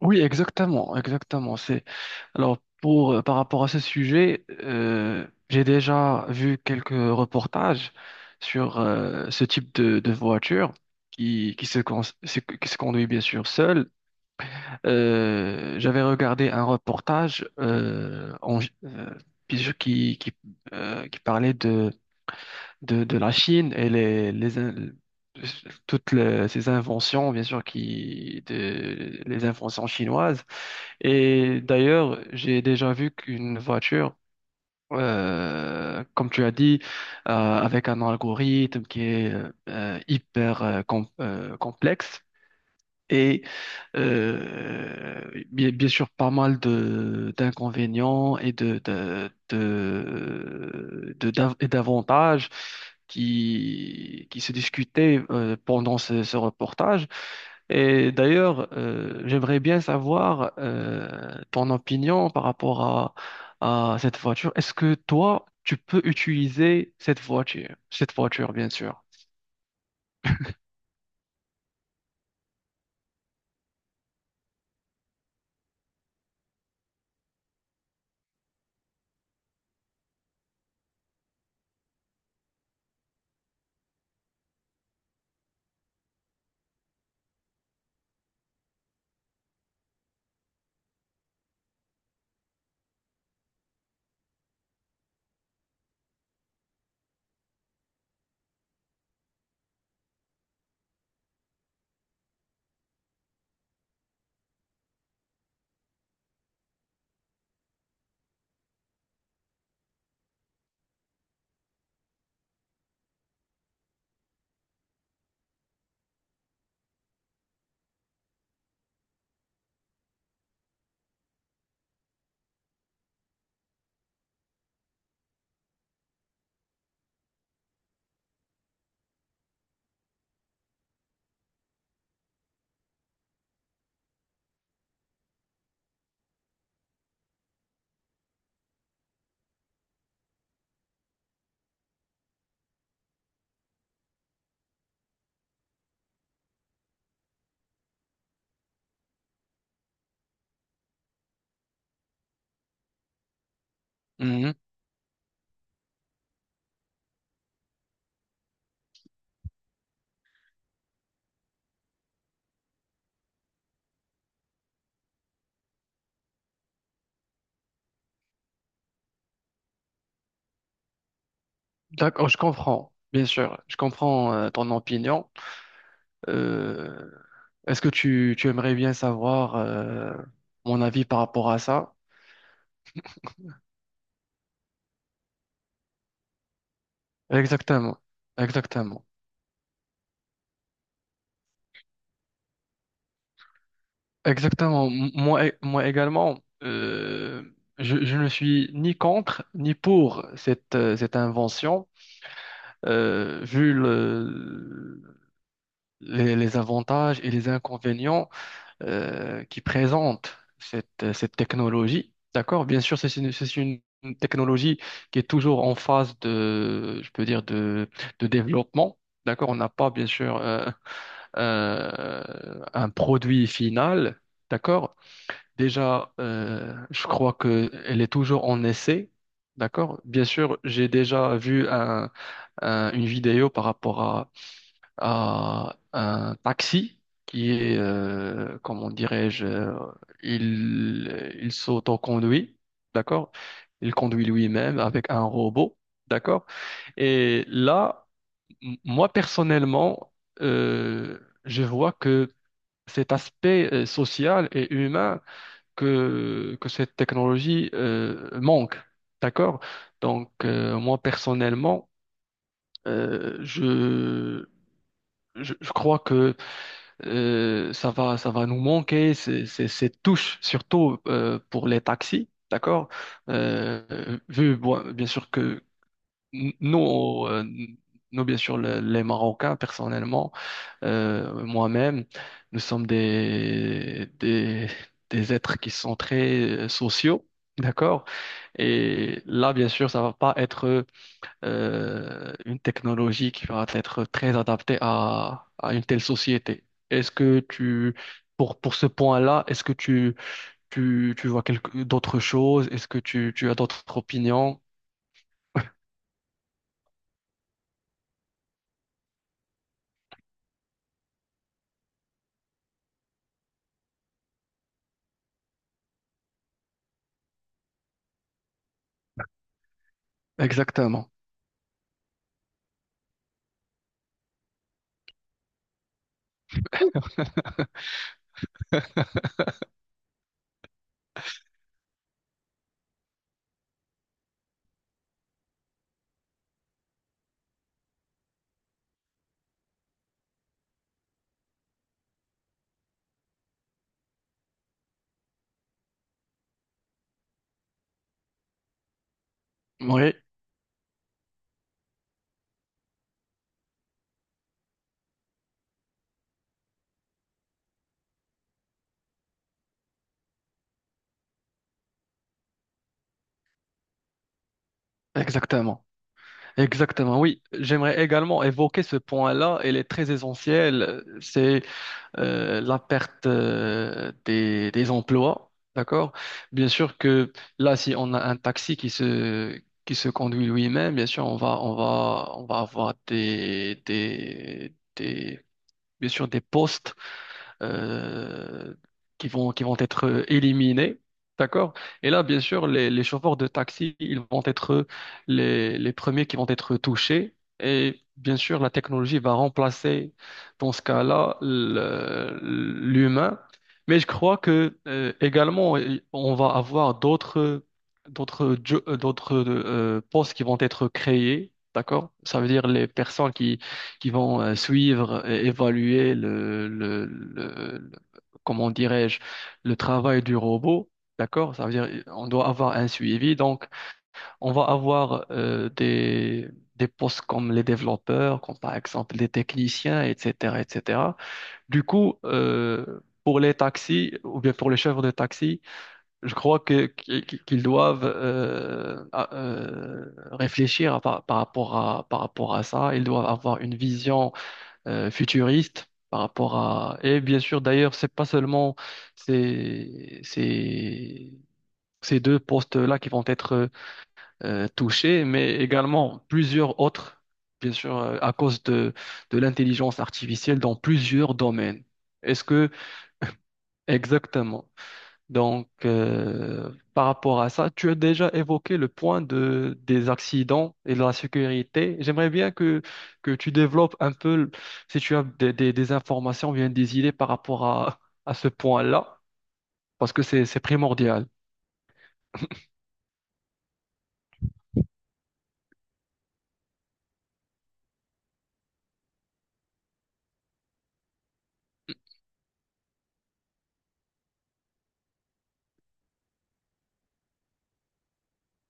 Oui, exactement, exactement. C'est alors pour par rapport à ce sujet, j'ai déjà vu quelques reportages sur ce type de voiture qui qui se con- se- qui se conduit bien sûr seule. J'avais regardé un reportage qui qui qui parlait de la Chine et les in- toutes les- ces inventions, bien sûr, les inventions chinoises. Et d'ailleurs, j'ai déjà vu qu'une voiture, comme tu as dit, avec un algorithme qui est hyper complexe, et bien, bien sûr, pas mal de d'inconvénients et d'avantages qui se discutaient pendant ce reportage. Et d'ailleurs, j'aimerais bien savoir ton opinion par rapport à cette voiture. Est-ce que toi, tu peux utiliser cette voiture? Cette voiture, bien sûr. Mhm. D'accord, je comprends, bien sûr. Je comprends ton opinion. Euh, Est-ce que tu aimerais bien savoir mon avis par rapport à ça? Exactement, exactement, exactement. Moi, moi également, je ne suis ni contre ni pour cette, cette invention, euh, vu le- les avantages et les inconvénients qui présente cette, cette technologie. D'accord? Bien sûr, c'est une technologie qui est toujours en phase de, je peux dire, de développement. D'accord? On n'a pas, bien sûr, un produit final. D'accord? Déjà, je crois qu'elle est toujours en essai. D'accord? Bien sûr, j'ai déjà vu une vidéo par rapport à un taxi qui est, comment dirais-je, il s'autoconduit, d'accord? Il conduit lui-même avec un robot, d'accord? Et là, moi personnellement, euh, je vois que cet aspect social et humain que cette technologie manque, d'accord? Donc, moi personnellement, euh, je, je crois que ça va nous manquer ces touches, surtout pour les taxis, d'accord? Vu, bon, bien sûr que n- nous, euh, nous, bien sûr, les Marocains, personnellement, moi-même, nous sommes des êtres qui sont très sociaux, d'accord? Et là, bien sûr, ça va pas être une technologie qui va être très adaptée à une telle société. Est-ce que tu, pour ce point-là, est-ce que tu vois quelque, d'autres choses? Est-ce que tu as d'autres opinions? Exactement. Oui, exactement. Exactement, oui. J'aimerais également évoquer ce point-là. Il est très essentiel. C'est la perte des emplois, d'accord? Bien sûr que là, si on a un taxi qui se conduit lui-même, bien sûr, on va avoir bien sûr, des postes euh, qui vont être éliminés. D'accord? Et là, bien sûr, les chauffeurs de taxi, ils vont être les premiers qui vont être touchés. Et bien sûr, la technologie va remplacer, dans ce cas-là, l'humain. Mais je crois que également, on va avoir d'autres d'autres jo- d'autres postes qui vont être créés. D'accord? Ça veut dire les personnes qui vont suivre et évaluer comment dirais-je, le travail du robot. D'accord? Ça veut dire on doit avoir un suivi. Donc, on va avoir des postes comme les développeurs, comme par exemple les techniciens, etc., etc. Du coup, pour les taxis ou bien pour les chauffeurs de taxi, je crois qu'ils doivent réfléchir à par rapport par rapport à ça. Ils doivent avoir une vision futuriste par rapport à... Et bien sûr, d'ailleurs, c'est pas seulement ces, ces, ces deux postes-là qui vont être touchés, mais également plusieurs autres, bien sûr, à cause de l'intelligence artificielle dans plusieurs domaines. Est-ce que... Exactement. Donc, par rapport à ça, tu as déjà évoqué le point des accidents et de la sécurité. J'aimerais bien que tu développes un peu, si tu as des informations, bien des idées par rapport à ce point-là, parce que c'est primordial.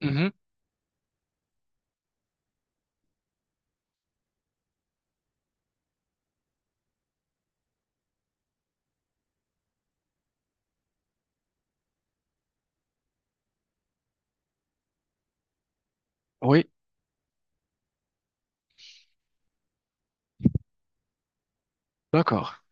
Mhm. Oui, d'accord,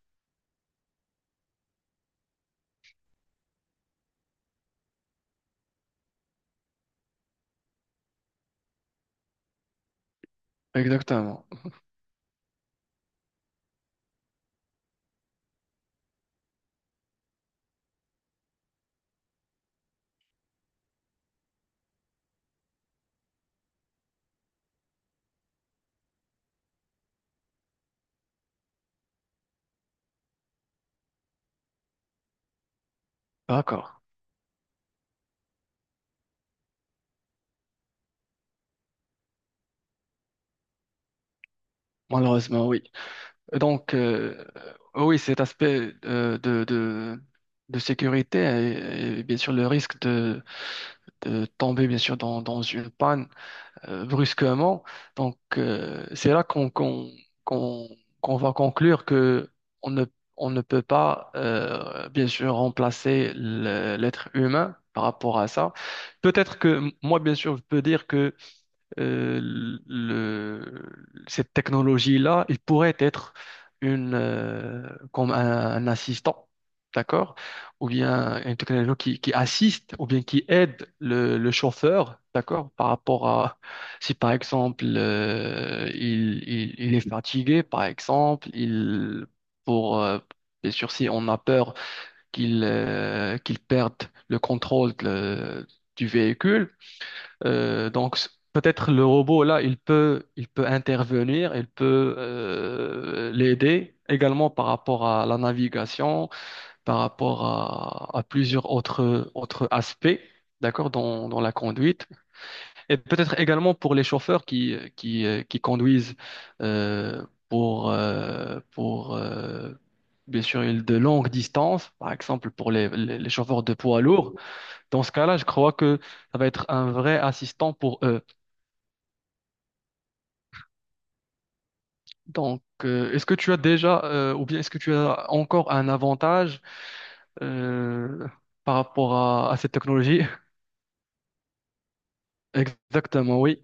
exactement. D'accord, malheureusement, oui. Donc, oui, cet aspect de sécurité et bien sûr le risque de tomber, bien sûr, dans une panne brusquement. Donc, c'est là qu'on, qu'on va conclure que on ne, on ne peut pas, bien sûr, remplacer l'être humain par rapport à ça. Peut-être que moi, bien sûr, je peux dire que euh, le- cette technologie-là, il pourrait être une, un assistant, d'accord? Ou bien une technologie qui assiste, ou bien qui aide le chauffeur, d'accord? Par rapport à si par exemple il est fatigué, par exemple, il pour bien sûr, si on a peur qu'il perde le contrôle du véhicule, peut-être le robot là, il peut intervenir, il peut l'aider également par rapport à la navigation, par rapport à plusieurs autres, autres aspects, d'accord, dans la conduite. Et peut-être également pour les chauffeurs qui conduisent euh, pour bien sûr de longues distances, par exemple pour les chauffeurs de poids lourds. Dans ce cas-là, je crois que ça va être un vrai assistant pour eux. Donc, est-ce que tu as déjà, ou bien est-ce que tu as encore un avantage euh, par rapport à cette technologie? Exactement, oui.